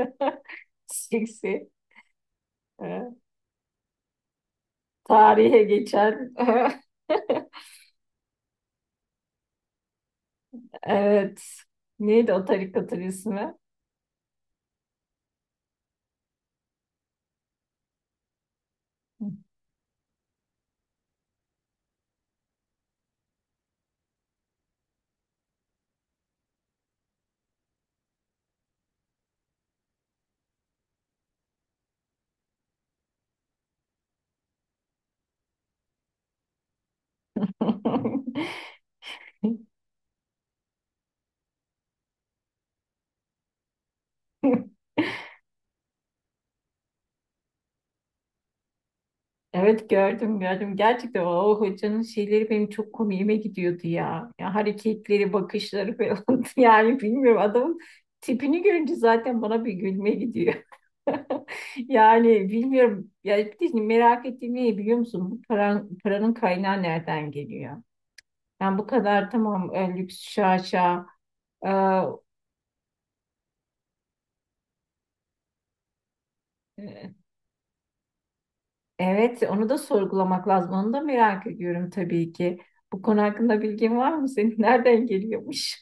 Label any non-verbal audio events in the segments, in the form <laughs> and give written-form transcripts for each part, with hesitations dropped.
<laughs> Siksi. Ee, Tarihe geçer. <laughs> Evet. Neydi o tarikatın ismi? <laughs> Evet, gördüm. Gerçekten o hocanın şeyleri benim çok komiğime gidiyordu ya. Ya hareketleri, bakışları falan. <laughs> Yani bilmiyorum, adamın tipini görünce zaten bana bir gülme gidiyor. <laughs> Yani bilmiyorum. Ya bir de şimdi merak ettiğim ne biliyor musun? Paranın kaynağı nereden geliyor? Yani bu kadar tamam lüks şaşa. e, e, evet, onu da sorgulamak lazım. Onu da merak ediyorum tabii ki. Bu konu hakkında bilgin var mı senin? <laughs> Nereden geliyormuş?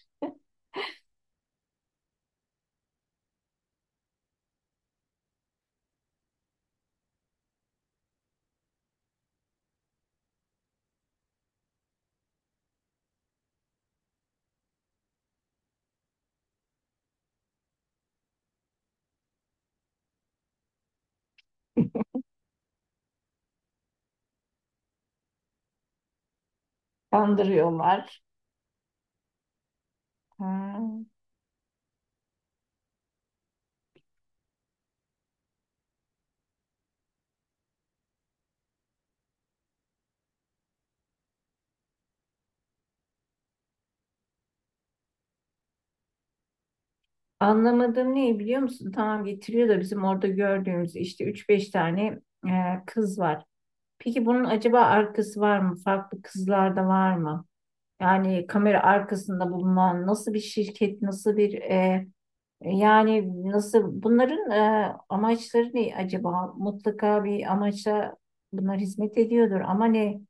Kandırıyorlar. Ha. Anlamadığım ne biliyor musun? Tamam, getiriyor da bizim orada gördüğümüz işte üç beş tane kız var. Peki bunun acaba arkası var mı? Farklı kızlar da var mı? Yani kamera arkasında bulunan nasıl bir şirket, nasıl bir yani nasıl bunların amaçları ne acaba? Mutlaka bir amaçla bunlar hizmet ediyordur ama ne?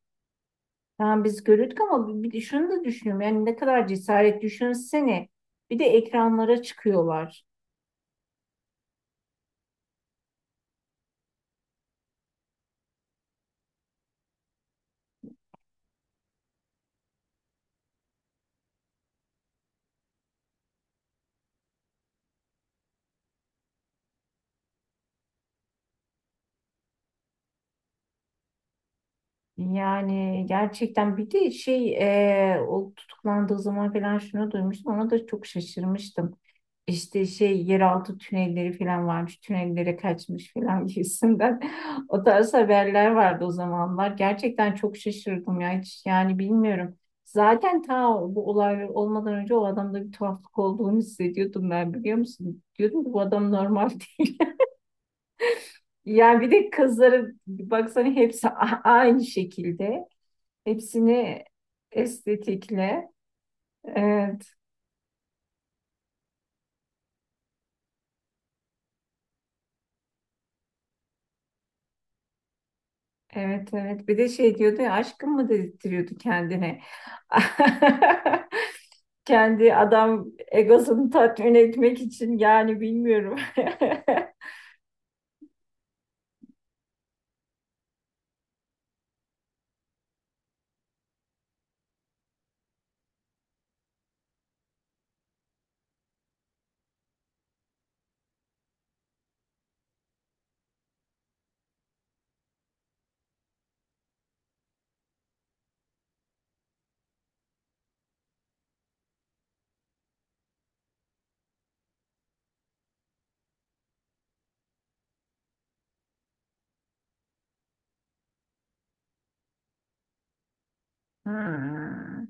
Tamam, biz görürdük, ama bir de şunu da düşünüyorum. Yani ne kadar cesaret düşünsene. Bir de ekranlara çıkıyorlar. Yani gerçekten bir de şey o tutuklandığı zaman falan şunu duymuştum. Ona da çok şaşırmıştım. İşte şey, yeraltı tünelleri falan varmış, tünellere kaçmış falan gibisinden. <laughs> O tarz haberler vardı o zamanlar. Gerçekten çok şaşırdım ya, hiç yani bilmiyorum. Zaten ta bu olaylar olmadan önce o adamda bir tuhaflık olduğunu hissediyordum ben, biliyor musun? Diyordum ki bu adam normal <laughs> değil. Yani bir de kızları baksana, hepsi aynı şekilde. Hepsini estetikle e, evet evet, bir de şey diyordu ya, aşkım mı dedirtiyordu kendine. <laughs> Kendi adam egosunu tatmin etmek için, yani bilmiyorum. <laughs> Hmm,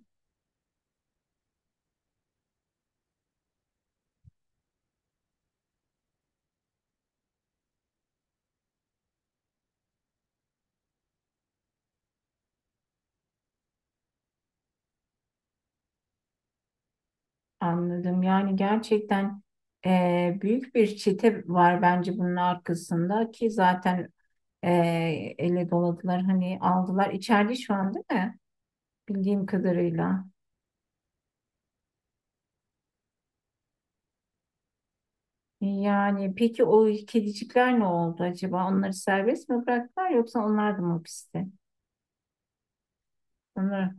anladım. Yani gerçekten, büyük bir çete var bence bunun arkasında, ki zaten e, ele doladılar, hani aldılar. İçeride şu an değil mi? Bildiğim kadarıyla. Yani peki o kedicikler ne oldu acaba? Onları serbest mi bıraktılar yoksa onlar da mı hapiste? Onları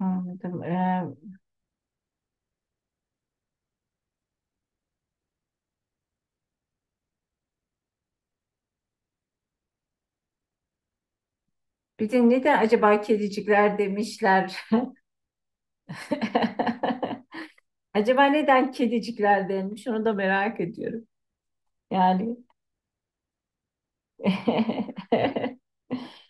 anladım. Bir de neden acaba kedicikler demişler? <laughs> Acaba neden kedicikler denmiş? Onu da merak ediyorum. Yani <laughs>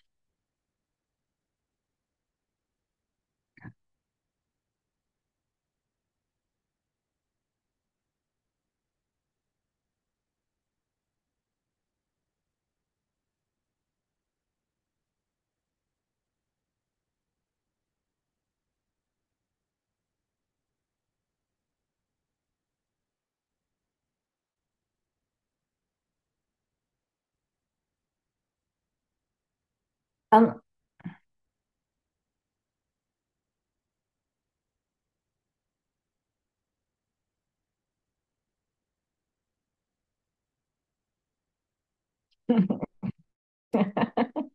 An- <laughs>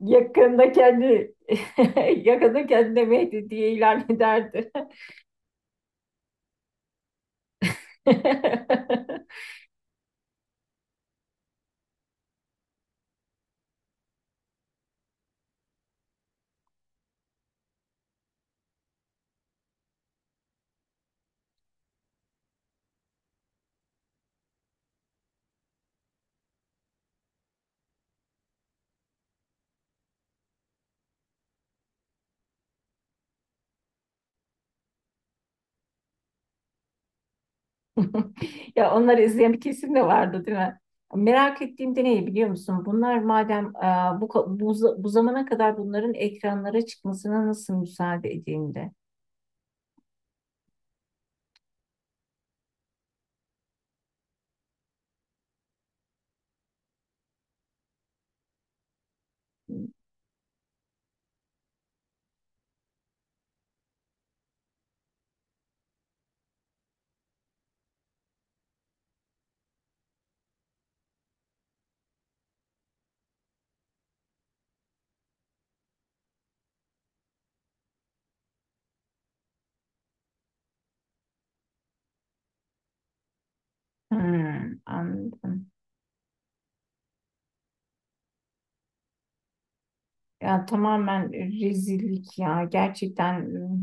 Yakında kendi <laughs> yakında kendine Mehdi diye ilan ederdi. <laughs> <laughs> Ya onları izleyen bir kesim de vardı değil mi? Merak ettiğim de ne biliyor musun? Bunlar madem bu zamana kadar bunların ekranlara çıkmasına nasıl müsaade edildi? Hmm, anladım. Ya tamamen rezillik ya. Gerçekten,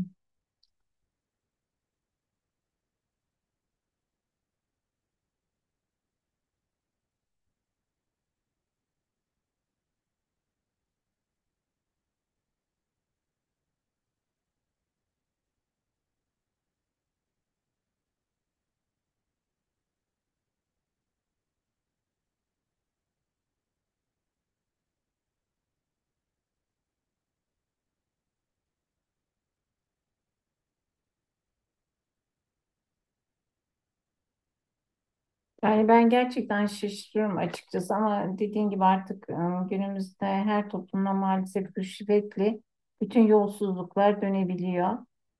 yani ben gerçekten şaşırıyorum açıkçası, ama dediğin gibi artık günümüzde her toplumda maalesef rüşvetli bütün yolsuzluklar dönebiliyor.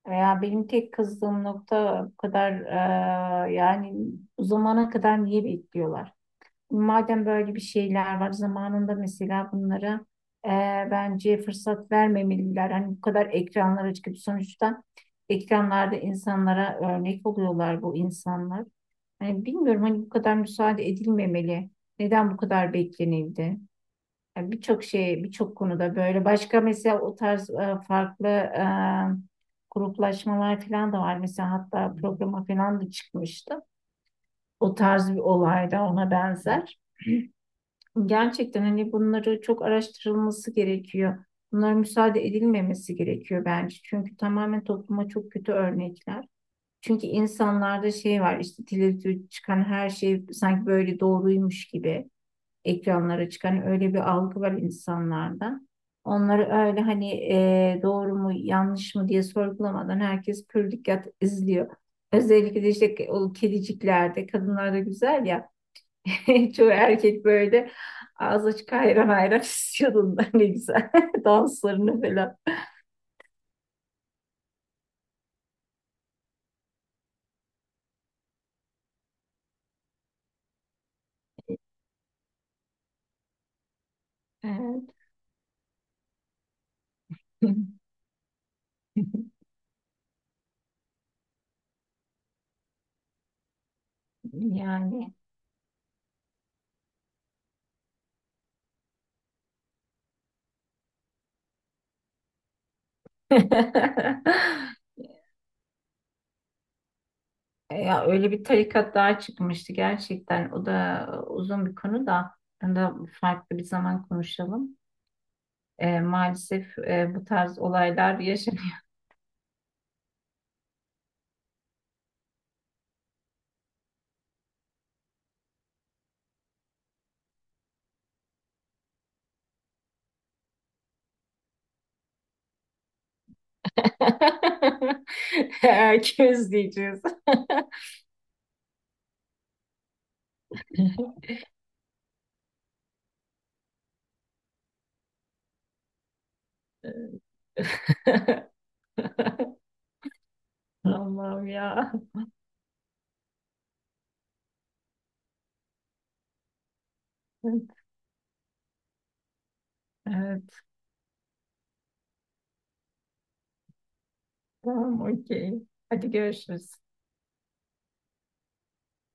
Veya benim tek kızdığım nokta, bu kadar yani bu zamana kadar niye bekliyorlar? Madem böyle bir şeyler var zamanında, mesela bunlara e, bence fırsat vermemeliler. Hani bu kadar ekranlara çıkıp, sonuçta ekranlarda insanlara örnek oluyorlar bu insanlar. Yani bilmiyorum, hani bu kadar müsaade edilmemeli. Neden bu kadar beklenildi? Yani birçok şey, birçok konuda böyle. Başka mesela o tarz farklı gruplaşmalar falan da var. Mesela hatta programa falan da çıkmıştı. O tarz bir olay da ona benzer. Gerçekten hani bunları çok araştırılması gerekiyor. Bunlara müsaade edilmemesi gerekiyor bence. Çünkü tamamen topluma çok kötü örnekler. Çünkü insanlarda şey var, işte televizyonda çıkan her şey sanki böyle doğruymuş gibi, ekranlara çıkan hani, öyle bir algı var insanlarda. Onları öyle hani, doğru mu yanlış mı diye sorgulamadan herkes pür dikkat izliyor. Özellikle de işte o kediciklerde kadınlar da güzel ya. <laughs> Çoğu erkek böyle ağzı açık hayran hayran istiyordun <laughs> ne güzel <laughs> danslarını falan. Evet. <laughs> Yani. <laughs> Ya öyle bir tarikat daha çıkmıştı gerçekten. O da uzun bir konu da. Onu da farklı bir zaman konuşalım. Maalesef bu tarz olaylar yaşanıyor. <laughs> Herkes diyeceğiz. <laughs> Allah'ım ya. Evet. <laughs> Tamam, okey. Hadi görüşürüz.